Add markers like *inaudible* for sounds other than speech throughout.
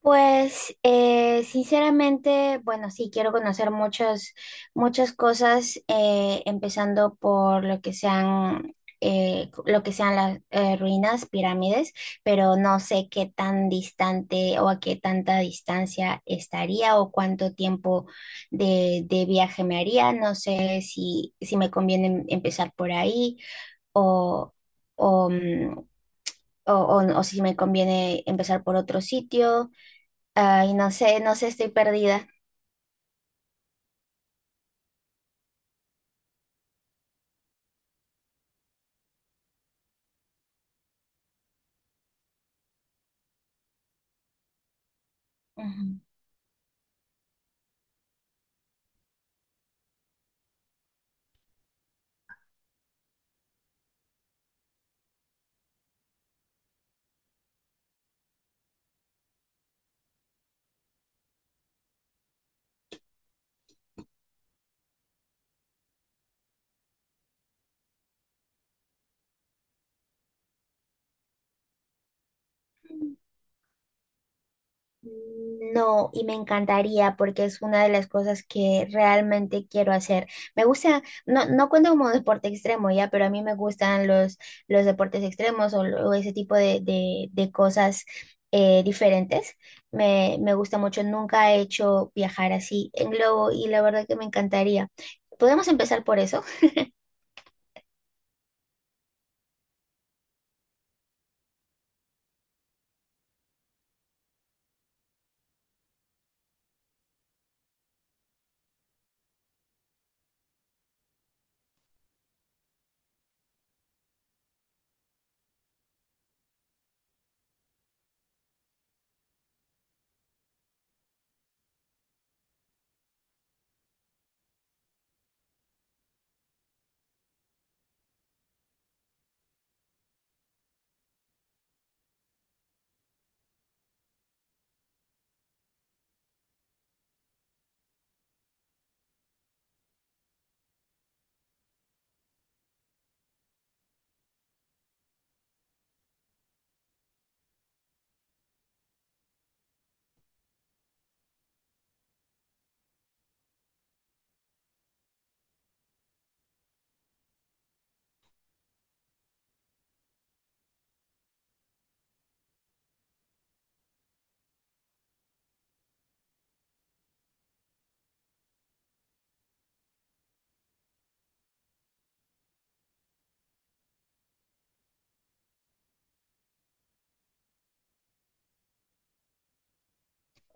Pues sinceramente, bueno, sí, quiero conocer muchas cosas, empezando por lo que sean las ruinas, pirámides, pero no sé qué tan distante o a qué tanta distancia estaría o cuánto tiempo de viaje me haría. No sé si me conviene empezar por ahí o, o, mm, o si me conviene empezar por otro sitio. Ay, no sé, estoy perdida. Ujú. No, y me encantaría porque es una de las cosas que realmente quiero hacer. Me gusta, no, no cuenta como deporte extremo ya, pero a mí me gustan los deportes extremos o, o ese tipo de, de cosas diferentes. Me gusta mucho, nunca he hecho viajar así en globo y la verdad que me encantaría. ¿Podemos empezar por eso?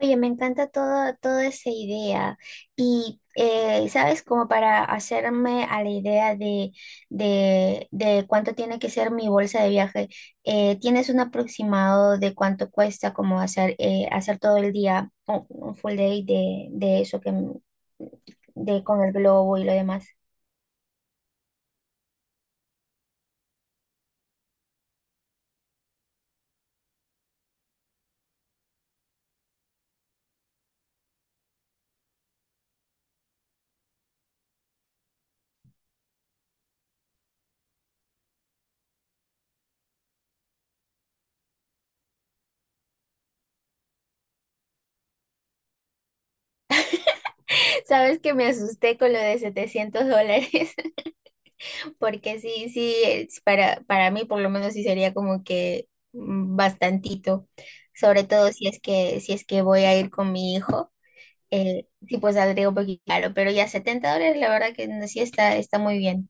Oye, me encanta todo, toda esa idea. Y, ¿sabes? Como para hacerme a la idea de cuánto tiene que ser mi bolsa de viaje, ¿tienes un aproximado de cuánto cuesta como hacer, hacer todo el día un full day de eso que, de, con el globo y lo demás? *laughs* ¿Sabes que me asusté con lo de $700? Porque sí, es para mí por lo menos sí sería como que bastantito, sobre todo si es que, si es que voy a ir con mi hijo, sí pues saldría un poquito caro, pero ya $70 la verdad que no, sí está, está muy bien.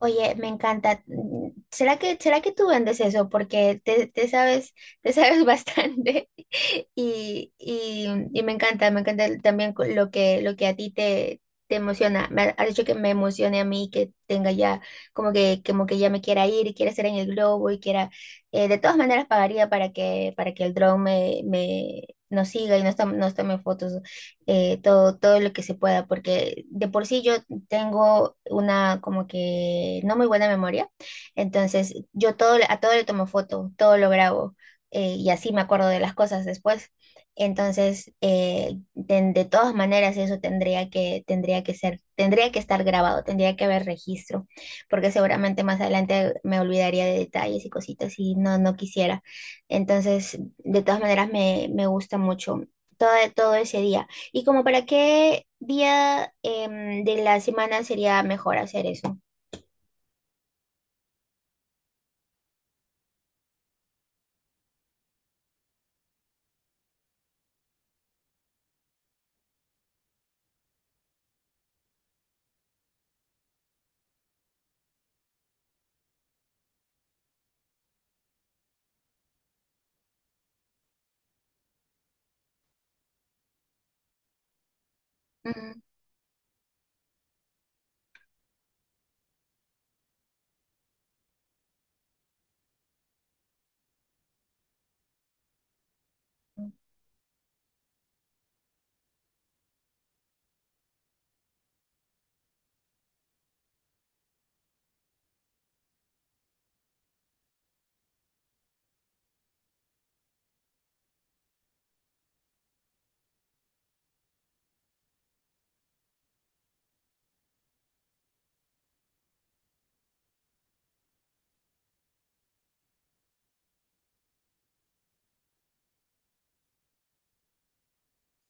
Oye, me encanta. Mm, ¿será que, será que tú vendes eso? Porque te, te sabes *laughs* bastante y, y- y me encanta también lo que a ti te, te emociona. Has dicho que me emocione a mí, que tenga ya, como que ya me quiera ir y quiera estar en el globo y quiera, de todas maneras pagaría para que el dron nos siga y nos tome fotos, todo, todo lo que se pueda, porque de por sí tengo una como que no muy buena memoria, entonces yo todo, a todo le tomo foto, todo lo grabo, y así me acuerdo de las cosas después. Entonces, de todas maneras eso tendría que ser, tendría que estar grabado, tendría que haber registro, porque seguramente más adelante me olvidaría de detalles y cositas y no, no quisiera. Entonces, de todas maneras me gusta mucho todo, todo ese día. ¿Y como para qué día de la semana sería mejor hacer eso? Mm.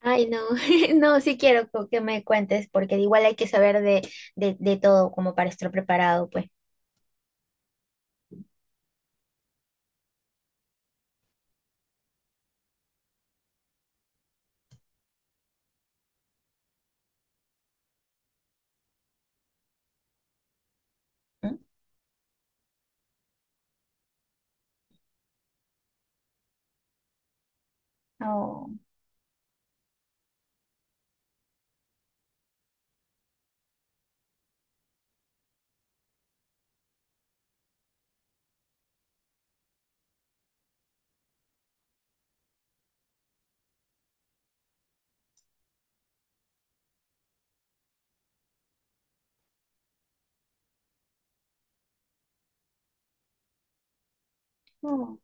Ay, no, *laughs* no, sí quiero que me cuentes, porque igual hay que saber de todo como para estar preparado, pues. ¿Mm? Oh, oh.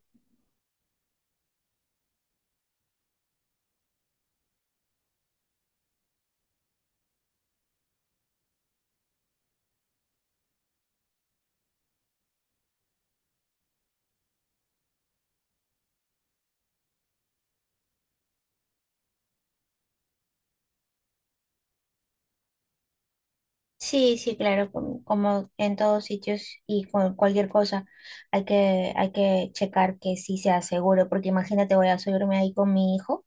Sí, sí, claro, como, como en todos sitios y con cualquier cosa hay que checar que sí sea seguro, porque imagínate, voy a subirme ahí con mi hijo,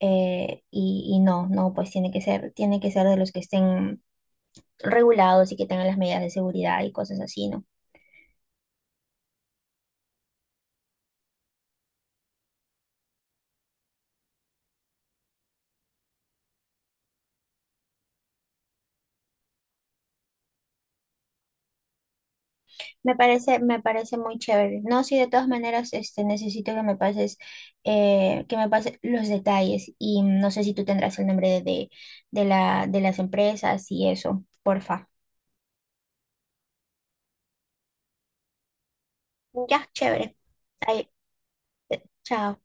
y no, no, pues tiene que ser de los que estén regulados y que tengan las medidas de seguridad y cosas así, ¿no? Me parece muy chévere. No, sí, de todas maneras, este, necesito que me pases los detalles y no sé si tú tendrás el nombre de la, de las empresas y eso, porfa. Ya, chévere. Ahí, chao.